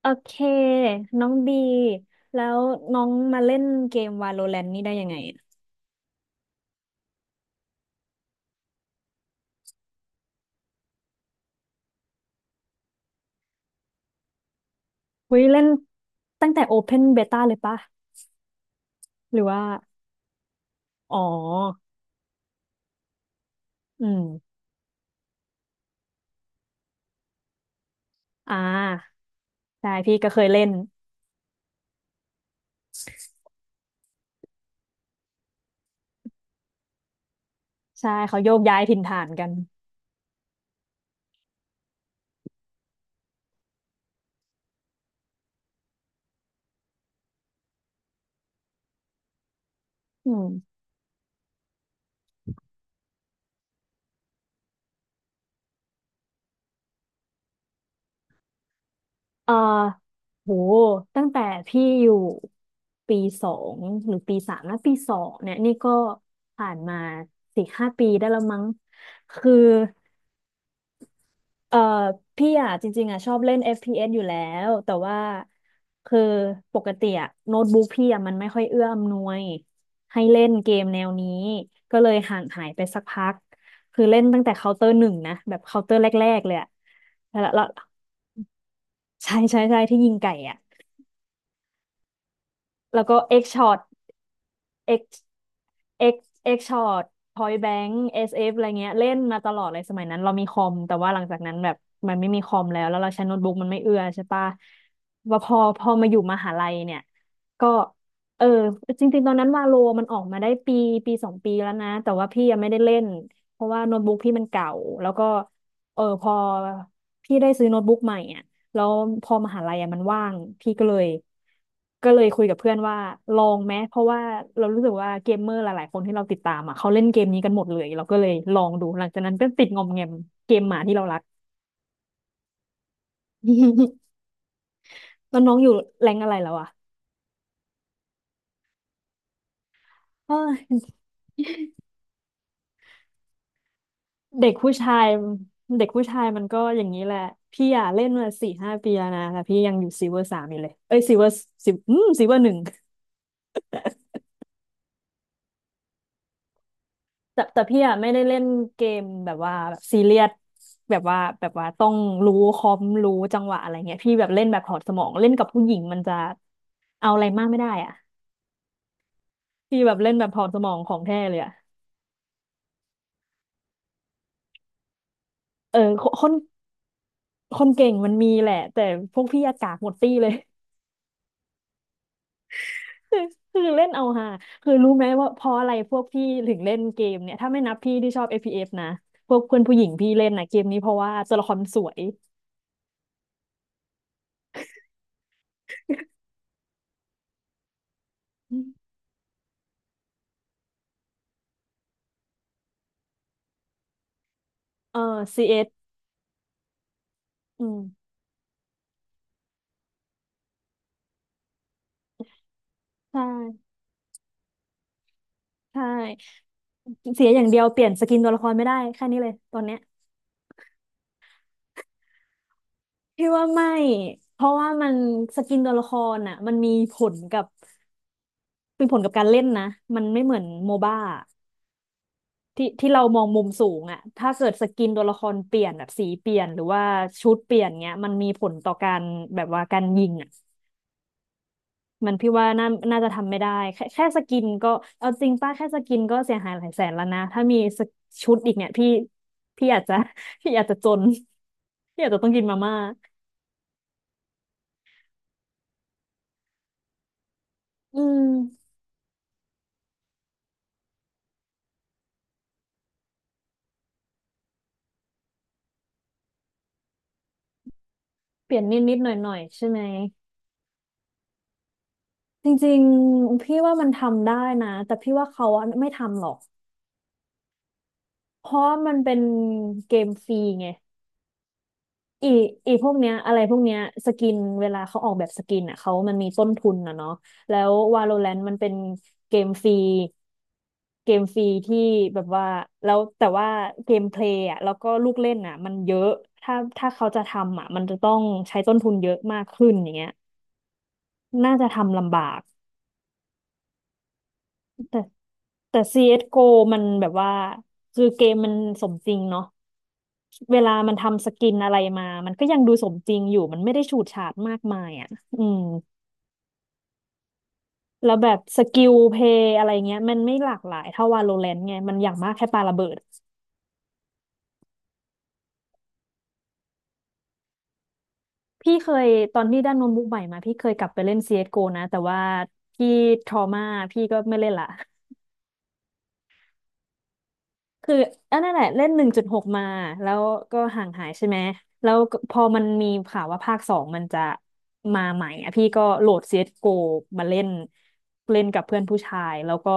โอเคน้องบีแล้วน้องมาเล่นเกม Valorant นี่ได้ยังไงอะเฮ้ยเล่นตั้งแต่ Open Beta เลยปะหรือว่าอ๋ออืมอ่าใช่พี่ก็เคยเล่นใช่เขาโยกย้ายถิ่นฐานกันอืมเอ่อโหตั้งแต่พี่อยู่ปีสองหรือปีสามนะปีสองเนี่ยนี่ก็ผ่านมาสี่ห้าปีได้แล้วมั้งคือ เออพี่อ่ะจริงๆอ่ะชอบเล่น FPS อฟพีเอสอยู่แล้วแต่ว่าคือปกติอ่ะโน้ตบุ๊กพี่อ่ะมันไม่ค่อยเอื้ออำนวยให้เล่นเกมแนวนี้ก็เลยห่างหายไปสักพักคือเล่นตั้งแต่เคาน์เตอร์หนึ่งนะแบบเคาน์เตอร์แรกๆเลยอ่ะแล้วใช่ใช่ใช่ที่ยิงไก่อ่ะแล้วก็เอ็กช็อต X X X Short Point Blank SF อสเอฟอะไรเงี้ย เล่นมาตลอดเลยสมัยนั้นเรามีคอมแต่ว่าหลังจากนั้นแบบมันไม่มีคอมแล้วแล้วเราใช้โน้ตบุ๊กมันไม่เอื้อใช่ปะว่าพอมาอยู่มหาลัยเนี่ยก็เออจริงๆตอนนั้นวาโลมันออกมาได้ปีสองปีแล้วนะแต่ว่าพี่ยังไม่ได้เล่นเพราะว่าโน้ตบุ๊กพี่มันเก่าแล้วก็เออพอพี่ได้ซื้อโน้ตบุ๊กใหม่อ่ะ แล้วพอมหาลัยอะมันว่างพี่ก็เลยคุยกับเพื่อนว่าลองไหมเพราะว่าเรารู้สึกว่าเกมเมอร์หลายๆคนที่เราติดตามอ่ะเขาเล่นเกมนี้กันหมดเลยเราก็เลยลองดูหลังจากนั้นก็ติดงอมแงมเกมหมาที่เรารัก แล้วน้องอยู่แรงอะไรแล้วอ่ะเอ้ยเด็กผู้ชายเด็กผู้ชายมันก็อย่างนี้แหละพี่อ่ะเล่นมาสี่ห้าปีแล้วนะแต่พี่ยังอยู่ซิลเวอร์สามอยู่เลยเอ้ยซิลเวอร์หนึ่ง แต่พี่อะไม่ได้เล่นเกมแบบว่าแบบซีเรียสแบบว่าต้องรู้คอมรู้จังหวะอะไรเงี้ยพี่แบบเล่นแบบถอดสมองเล่นกับผู้หญิงมันจะเอาอะไรมากไม่ได้อ่ะพี่แบบเล่นแบบถอดสมองของแท้เลยอ่ะเออคนเก่งมันมีแหละแต่พวกพี่อากากหมดตี้เลย คือคือเล่นเอาฮาคือรู้ไหมว่าเพราะอะไรพวกพี่ถึงเล่นเกมเนี่ยถ้าไม่นับพี่ที่ชอบ FPS นะพวกเพื่อนผู้หญิงพี่เล่นนะเกมนี้เพราะว่าตัวละครมันสวยเออ CS อสอืมใช่ใช่ เสียอย่างเดียวเปลี่ยนสกินตัวละครไม่ได้แค่นี้เลยตอนเนี้ยพี่ว่าไม่เพราะว่ามันสกินตัวละครอ่ะมันมีผลกับเป็นผลกับการเล่นนะมันไม่เหมือนโมบ้าที่ที่เรามองมุมสูงอ่ะถ้าเกิดสกินตัวละครเปลี่ยนแบบสีเปลี่ยนหรือว่าชุดเปลี่ยนเงี้ยมันมีผลต่อการแบบว่าการยิงอ่ะมันพี่ว่าน่าจะทำไม่ได้แค่สกินก็เอาจริงป้าแค่สกินก็เสียหายหลายแสนแล้วนะถ้ามีชุดอีกเนี่ยพี่อาจจะ พี่อาจจะจนพี่อาจจะต้องกินมาม่า อืมเปลี่ยนนิดนิดหน่อยหน่อยๆใช่ไหมจริงๆพี่ว่ามันทำได้นะแต่พี่ว่าเขาอะไม่ทำหรอกเพราะว่ามันเป็นเกมฟรีไงอีพวกเนี้ยอะไรพวกเนี้ยสกินเวลาเขาออกแบบสกินอ่ะเขามันมีต้นทุนนะเนาะแล้ว Valorant มันเป็นเกมฟรีเกมฟรีที่แบบว่าแล้วแต่ว่าเกมเพลย์อ่ะแล้วก็ลูกเล่นอ่ะมันเยอะถ้าเขาจะทำอ่ะมันจะต้องใช้ต้นทุนเยอะมากขึ้นอย่างเงี้ยน่าจะทำลำบาก แต่ CSGO มันแบบว่าคือเกมมันสมจริงเนาะเวลามันทำสกินอะไรมา มันก็ยังดูสมจริงอยู่มันไม่ได้ฉูดฉาดมากมายอ่ะอืมแล้วแบบสกิลเพย์อะไรเงี้ยมันไม่หลากหลายเท่า Valorant ไงมันอย่างมากแค่ปาระเบิดพี่เคยตอนที่ได้โน้ตบุ๊กใหม่มาพี่เคยกลับไปเล่น CSGO นะแต่ว่าพี่ทรอมาพี่ก็ไม่เล่นละ คืออันนั้นแหละเล่น1.6มาแล้วก็ห่างหายใช่ไหมแล้วก็พอมันมีข่าวว่าภาคสองมันจะมาใหม่อ่ะพี่ก็โหลด CSGOมาเล่นเล่นกับเพื่อนผู้ชายแล้วก็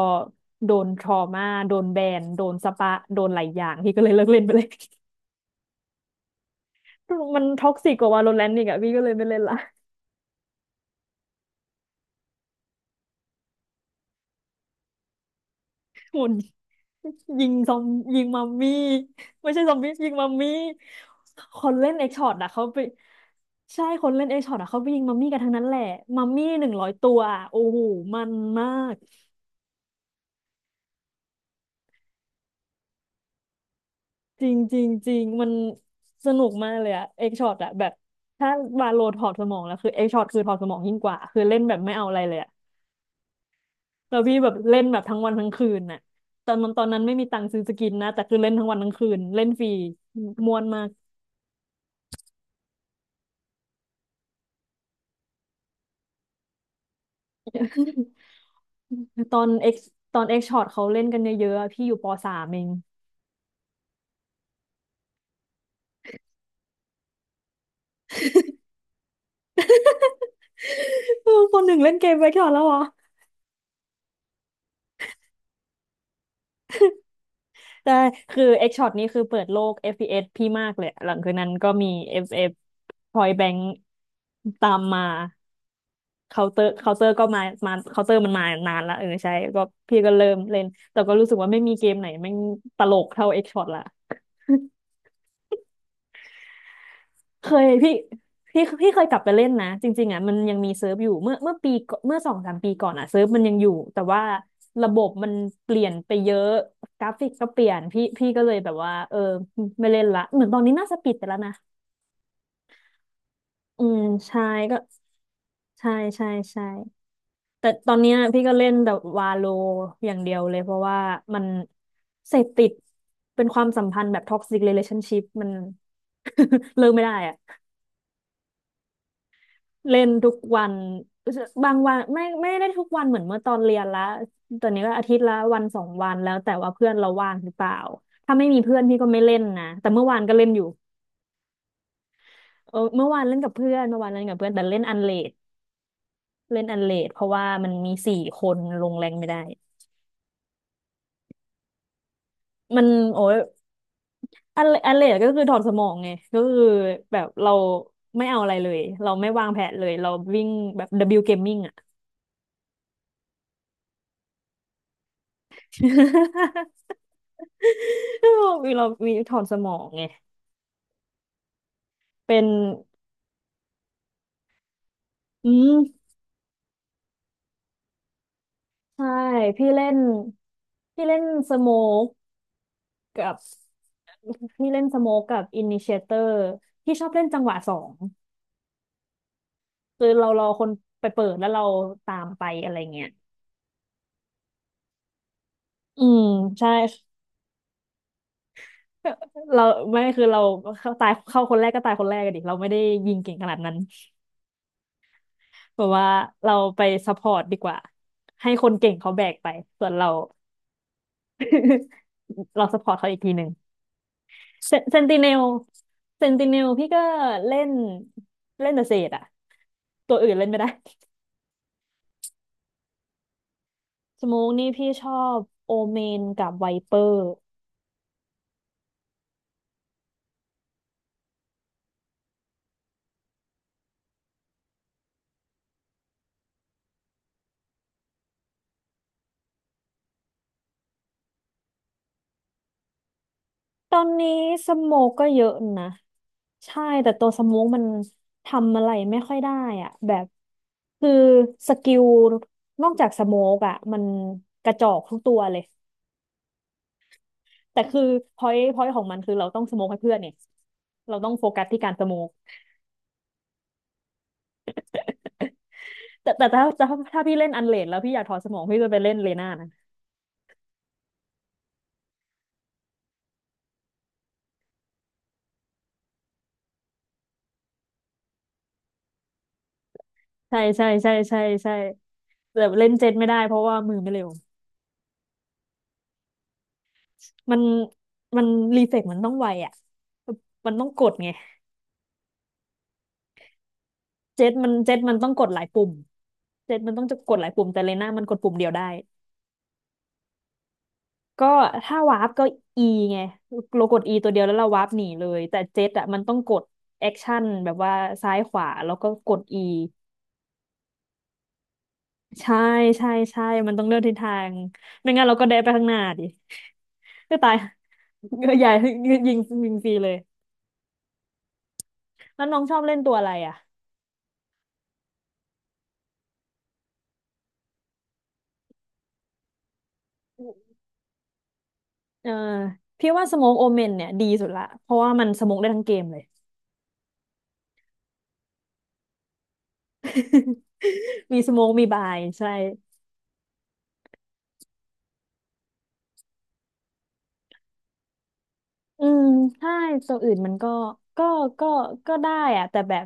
โดนทรอมาโดนแบนโดนสปะโดนหลายอย่างพี่ก็เลยเลิกเล่นไปเลย มันท็อกซิกกว่าวาโลแรนต์อีกอ่ะพี่ก็เลยไม่เล่นละ หุ่น ยิงซอมยิงมัมมี่ไม่ใช่ซอมบี้ยิงมัมมี่คนเล่นเอ็กช็อตอ่ะเขาไปใช่คนเล่นเอ็กช็อตอ่ะเขาไปยิงมัมมี่กันทั้งนั้นแหละมัมมี่100 ตัวอะโอ้โหมันมากจริงจริงจริงมันสนุกมากเลยอะเอ็กช็อตอะแบบถ้าวาโลถอดสมองแล้วคือเอ็กช็อตคือถอดสมองยิ่งกว่าคือเล่นแบบไม่เอาอะไรเลยอะแล้วพี่แบบเล่นแบบทั้งวันทั้งคืนน่ะตอนนั้นไม่มีตังค์ซื้อสกินนะแต่คือเล่นทั้งวันทั้งคืนเล่นฟรีม่วนมาก ตอนเอ็กตอนเอ็กช็อตเขาเล่นกันเยอะๆอะพี่อยู่ปสามเอง เออปหนึ่งเล่นเกมไปก่อนแล้วเหรอแต่คือเอ็กช็อตนี่คือเปิดโลก FPS พีเอสพี่มากเลยหลังคืนนั้นก็มี FF พอย b บ a n k ตามมาเคาน์เตอร์ก็มามาเคาน์เตอร์มันมานานละเออใช่ก็พี่ก็เริ่มเล่นแต่ก็รู้สึกว่าไม่มีเกมไหนแม่งตลกเท่าเอ็กช็อตละ เคยพี่พี่เคยกลับไปเล่นนะจริงๆอ่ะมันยังมีเซิร์ฟอยู่เมื่อปีก่อนเมื่อสองสามปีก่อนอ่ะเซิร์ฟมันยังอยู่แต่ว่าระบบมันเปลี่ยนไปเยอะกราฟิกก็เปลี่ยนพี่ก็เลยแบบว่าเออไม่เล่นละเหมือนตอนนี้น่าจะปิดไปแล้วนะอืมใช่ก็ใช่ใช่ใช่แต่ตอนเนี้ยพี่ก็เล่นแต่วาโลอย่างเดียวเลยเพราะว่ามันเสพติดเป็นความสัมพันธ์แบบท็อกซิ e เ a t ล o n นชิพมัน เลิกไม่ได้อะ เล่นทุกวันบางวันไม่ได้ทุกวันเหมือนเมื่อตอนเรียนละตอนนี้ก็อาทิตย์ละวันสองวันแล้วแต่ว่าเพื่อนเราว่างหรือเปล่าถ้าไม่มีเพื่อนพี่ก็ไม่เล่นนะแต่เมื่อวานก็เล่นอยู่เออเมื่อวานเล่นกับเพื่อนเมื่อวานเล่นกับเพื่อนแต่เล่นอันเลดเล่นอันเลดเพราะว่ามันมีสี่คนลงแรงไม่ได้มันโอ้ยอันเลดก็คือถอดสมองไงก็คือแบบเราไม่เอาอะไรเลยเราไม่วางแผนเลยเราวิ่งแบบ W Gaming อ่ะ มีเรามีถอนสมองไงเป็นอืมใช่ พี่เล่น พี่เล่นสโมกกับ พี่เล่นสโมกกับอินิเชเตอร์พี่ชอบเล่นจังหวะสอง คือเรารอคนไปเปิดแล้วเราตามไปอะไรเงี้ยอืมใช่เราไม่คือเราเข้าคนแรกก็ตายคนแรกกันดิ เราไม่ได้ยิงเก่งขนาดนั้นแบบว่าเราไปซัพพอร์ตดีกว่า ให้คนเก่งเขาแบกไป ส่วนเรา เราสปอร์ตเขาอีกทีหนึ่งเซเซนติเนลเซนติเนลพี่ก็เล่นเล่นแต่เศษอะตัวอื่นเล่นไม่ได้สโมกนี่พี่ชอบโอเมนกับไวเปอร์ตอนนี้สโมกก็เยอะนะใช่แต่ตัวสโมกมันทำอะไรไม่ค่อยได้อะแบบคือสกิลนอกจากสโมกอะมันกระจอกทุกตัวเลยแต่คือพอยต์ของมันคือเราต้องสโมกให้เพื่อนเนี่ยเราต้องโฟกัสที่การสโมก แต่ถ้าพี่เล่นอันเลนแล้วพี่อยากถอดสมองพี่จะไปเล่นเลน่านะใช่ใช่ใช่ใช่ใช่แต่เล่นเจ็ตไม่ได้เพราะว่ามือไม่เร็วมันมันรีเฟกมันต้องไวอ่ะมันต้องกดไงเจ็ตมันต้องกดหลายปุ่มเจ็ตมันต้องจะกดหลายปุ่มแต่เลน่ามันกดปุ่มเดียวได้ก็ถ้าวาร์ปก็ E ไงเรากด E ตัวเดียวแล้วเราวาร์ปหนีเลยแต่เจ็ตอ่ะมันต้องกดแอคชั่นแบบว่าซ้ายขวาแล้วก็กด E ใช่ใช่ใช่มันต้องเลือกทิศทางไม่งั้นเราก็เดนไปข้างหน้าดิ ก็ตาย ใหญ่ยิงฟรีเลยแล้วน้องชอบเล่นตัวอะไรอ่ะเออพี่ว่าสโมกโอเมนเนี่ยดีสุดละเพราะว่ามันสโมกได้ทั้งเกมเลย มีสโมกมีบายใช่อืมใช่ตัวอื่นมันก็ก็ก็ได้อะแต่แบบ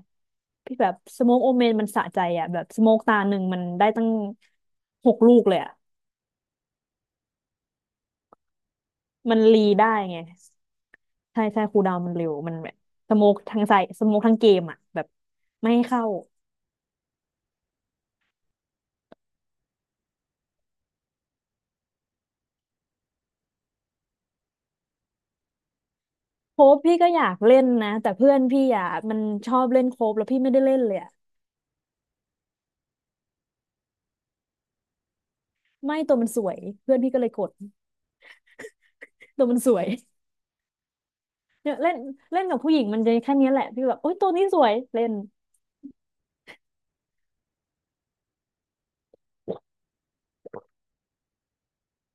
พี่แบบสโมกโอเมนมันสะใจอะแบบสโมกตาหนึ่งมันได้ตั้ง6 ลูกเลยอะมันรีได้ไงใช่ใช่คูลดาวน์มันเร็วมันแบบสโมกทั้งใส่สโมกทั้งเกมอะแบบไม่ให้เข้า โคบพี่ก็อยากเล่นนะแต่เพื่อนพี่อ่ะมันชอบเล่นโคบแล้วพี่ไม่ได้เล่นเลยอะไม่ตัวมันสวยเพื่อนพี่ก็เลยกดตัวมันสวยเนี่ยเล่นเล่นกับผู้หญิงมันจะแค่เนี้ยแหละพี่แบบโอ๊ยตัวนี้สวยเล่น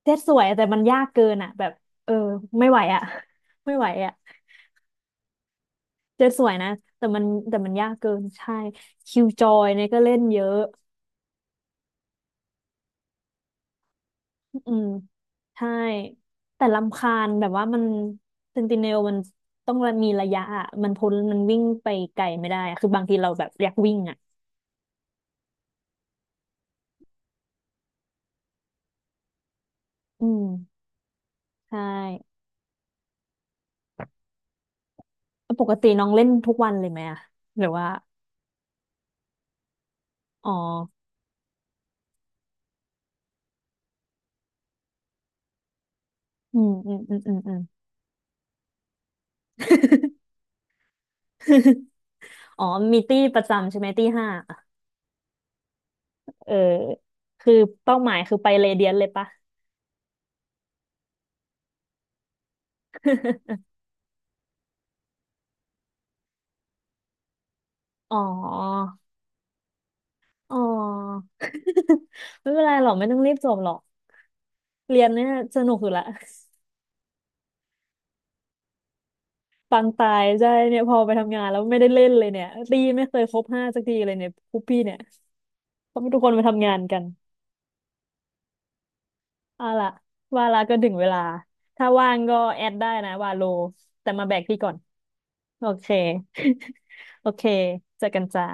เจ็ดสวยแต่มันยากเกินอ่ะแบบเออไม่ไหวอ่ะ ไม่ไหวอ่ะเจ็ดสวยนะแต่มันแต่มันยากเกินใช่คิวจอยเนี่ยก็เล่นเยอะ อืมใช่แต่รำคาญแบบว่ามันเซนติเนลมันต้องมีระยะอะมันพ้นมันวิ่งไปไกลไม่ได้อะคือบางทีเราแบบอยากวิ่งอ่ะอืมใช่แล้วปกติน้องเล่นทุกวันเลยไหมอะหรือว่าอ๋ออืมอืมอืมอืมอืม อ๋อมีตี้ประจำใช่ไหมตี้ห้าเออคือเป้าหมายคือไปเรเดียนเลยปะ อ๋ออ๋อ ไม่เป็นไรหรอกไม่ต้องรีบจบหรอกเรียนเนี่ยสนุกอยู่ละ ปังตายใช่เนี่ยพอไปทำงานแล้วไม่ได้เล่นเลยเนี่ยตีไม่เคยครบห้าสักทีเลยเนี่ยคุปพี่เนี่ยเพราะทุกคนไปทำงานกันเอาล่ะว่าละก็ถึงเวลาถ้าว่างก็แอดได้นะวาโลแต่มาแบกพี่ก่อนโอเค โอเคเจอกันจ้า